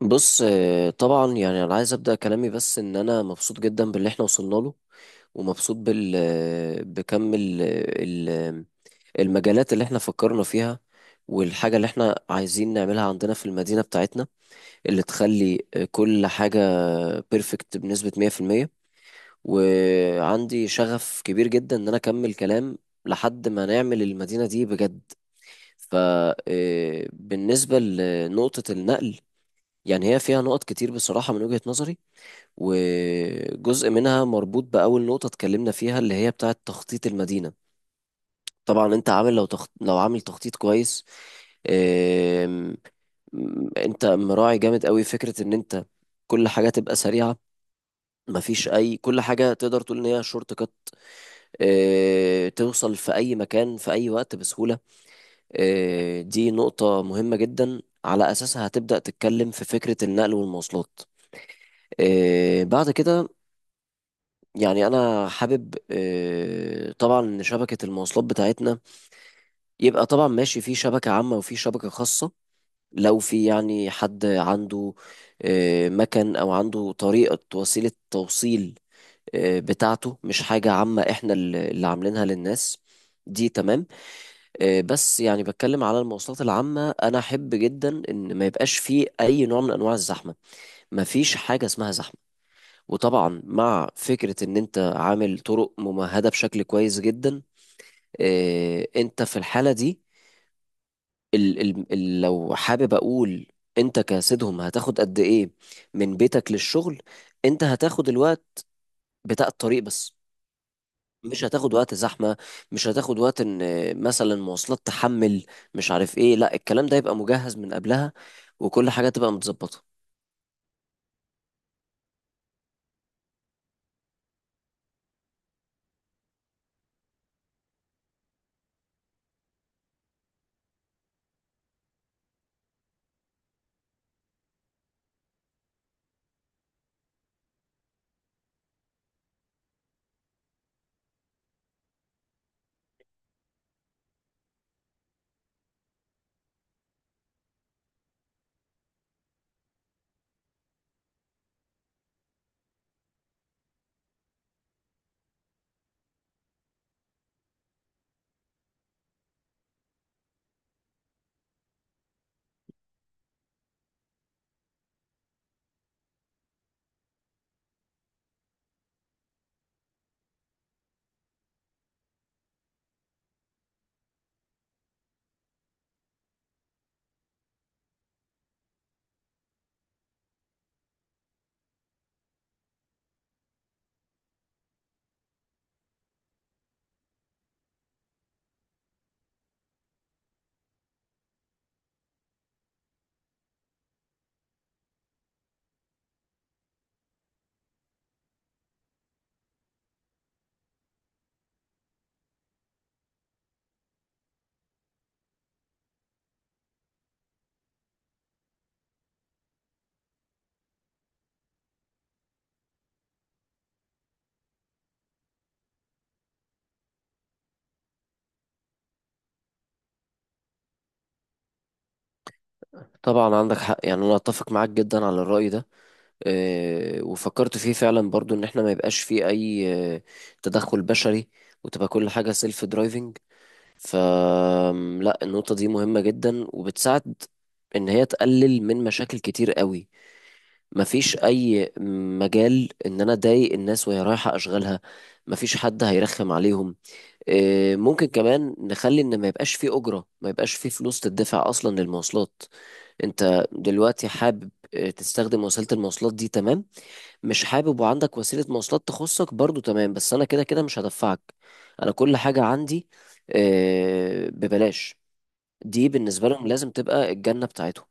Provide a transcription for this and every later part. بص، طبعا يعني انا عايز ابدا كلامي بس ان انا مبسوط جدا باللي احنا وصلنا له ومبسوط بكم المجالات اللي احنا فكرنا فيها والحاجه اللي احنا عايزين نعملها عندنا في المدينه بتاعتنا، اللي تخلي كل حاجه بيرفكت بنسبه 100%. وعندي شغف كبير جدا ان انا اكمل كلام لحد ما نعمل المدينه دي بجد. فبالنسبه لنقطه النقل، يعني هي فيها نقط كتير بصراحة من وجهة نظري، وجزء منها مربوط بأول نقطة اتكلمنا فيها اللي هي بتاعة تخطيط المدينة. طبعا انت عامل، لو عامل تخطيط كويس، آم، انت مراعي جامد قوي فكرة ان انت كل حاجة تبقى سريعة، مفيش اي، كل حاجة تقدر تقول ان هي شورت كات، توصل في اي مكان في اي وقت بسهولة. دي نقطة مهمة جدا على اساسها هتبدأ تتكلم في فكرة النقل والمواصلات. بعد كده، يعني انا حابب، طبعا، ان شبكه المواصلات بتاعتنا يبقى طبعا ماشي في شبكه عامه وفي شبكه خاصه. لو في يعني حد عنده مكان او عنده طريقه وسيله توصيل بتاعته، مش حاجه عامه احنا اللي عاملينها للناس، دي تمام. بس يعني بتكلم على المواصلات العامه، انا احب جدا ان ما يبقاش في اي نوع من انواع الزحمه، ما فيش حاجه اسمها زحمه. وطبعا مع فكرة ان انت عامل طرق ممهدة بشكل كويس جدا، إيه انت في الحالة دي، ال ال ال لو حابب اقول، انت كسيدهم هتاخد قد ايه من بيتك للشغل؟ انت هتاخد الوقت بتاع الطريق بس، مش هتاخد وقت زحمة، مش هتاخد وقت ان مثلا مواصلات تحمل مش عارف ايه، لا، الكلام ده يبقى مجهز من قبلها وكل حاجة تبقى متظبطة. طبعا عندك حق، يعني انا اتفق معاك جدا على الرأي ده. وفكرت فيه فعلا برضو ان احنا ما يبقاش فيه اي تدخل بشري، وتبقى كل حاجة سيلف درايفنج. فلا النقطة دي مهمة جدا وبتساعد ان هي تقلل من مشاكل كتير قوي. مفيش اي مجال ان انا اضايق الناس وهي رايحة اشغالها، مفيش حد هيرخم عليهم. ممكن كمان نخلي ان ما يبقاش فيه اجرة، ما يبقاش فيه فلوس تدفع اصلا للمواصلات. انت دلوقتي حابب تستخدم وسيلة المواصلات دي، تمام. مش حابب وعندك وسيلة مواصلات تخصك برضو، تمام، بس أنا كده كده مش هدفعك. أنا كل حاجة عندي ببلاش. دي بالنسبة لهم لازم تبقى الجنة بتاعتهم.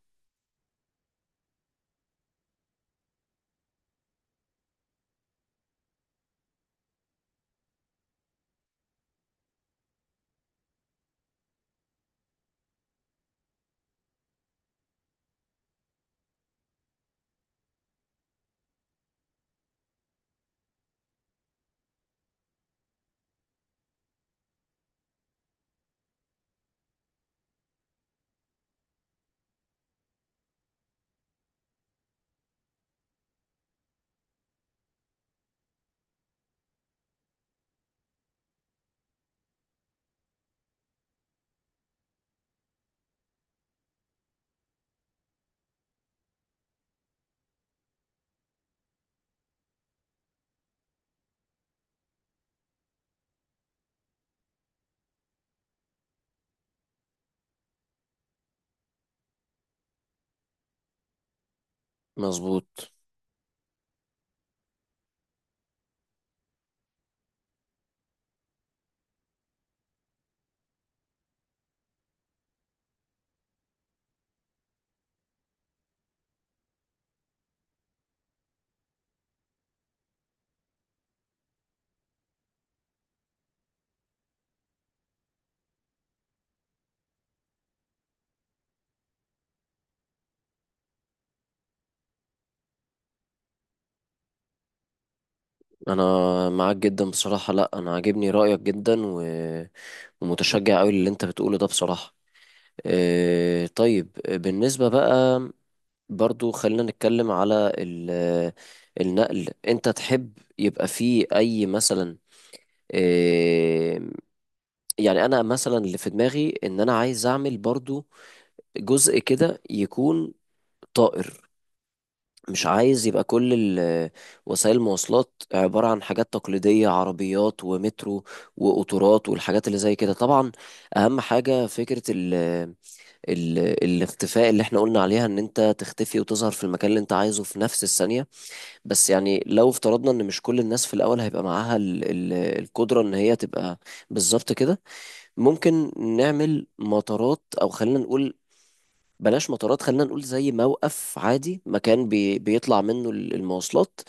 مظبوط. أنا معاك جدا بصراحة، لأ أنا عاجبني رأيك جدا، و... ومتشجع أوي اللي أنت بتقوله ده بصراحة. طيب بالنسبة بقى، برضو خلينا نتكلم على النقل، انت تحب يبقى فيه اي مثلا؟ آه، يعني انا مثلا اللي في دماغي ان انا عايز اعمل برضو جزء كده يكون طائر. مش عايز يبقى كل ال- وسائل المواصلات عبارة عن حاجات تقليدية، عربيات ومترو وقطارات والحاجات اللي زي كده. طبعا اهم حاجة فكرة ال ال الاختفاء اللي احنا قلنا عليها، ان انت تختفي وتظهر في المكان اللي انت عايزه في نفس الثانية. بس يعني لو افترضنا ان مش كل الناس في الاول هيبقى معاها القدرة ان هي تبقى بالظبط كده، ممكن نعمل مطارات، او خلينا نقول بلاش مطارات، خلينا نقول زي موقف عادي، مكان بيطلع منه المواصلات،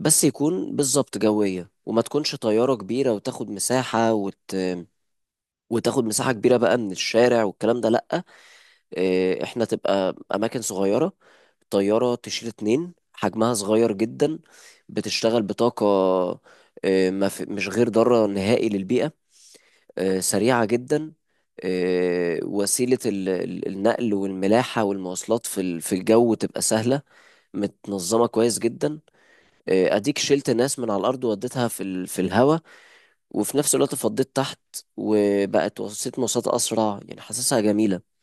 بس يكون بالظبط جوية، وما تكونش طيارة كبيرة وتاخد مساحة وتاخد مساحة كبيرة بقى من الشارع والكلام ده، لأ. إيه، احنا تبقى أماكن صغيرة، طيارة تشيل اتنين حجمها صغير جدا، بتشتغل بطاقة، إيه، ما في- مش غير ضارة نهائي للبيئة، سريعة جدا. وسيلة النقل والملاحة والمواصلات في في الجو تبقى سهلة، متنظمة كويس جدا. أديك شلت ناس من على الأرض وديتها في في الهوا، وفي نفس الوقت فضيت تحت، وبقت وسيلة مواصلات أسرع، يعني حاسسها جميلة.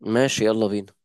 ماشي، يلا بينا.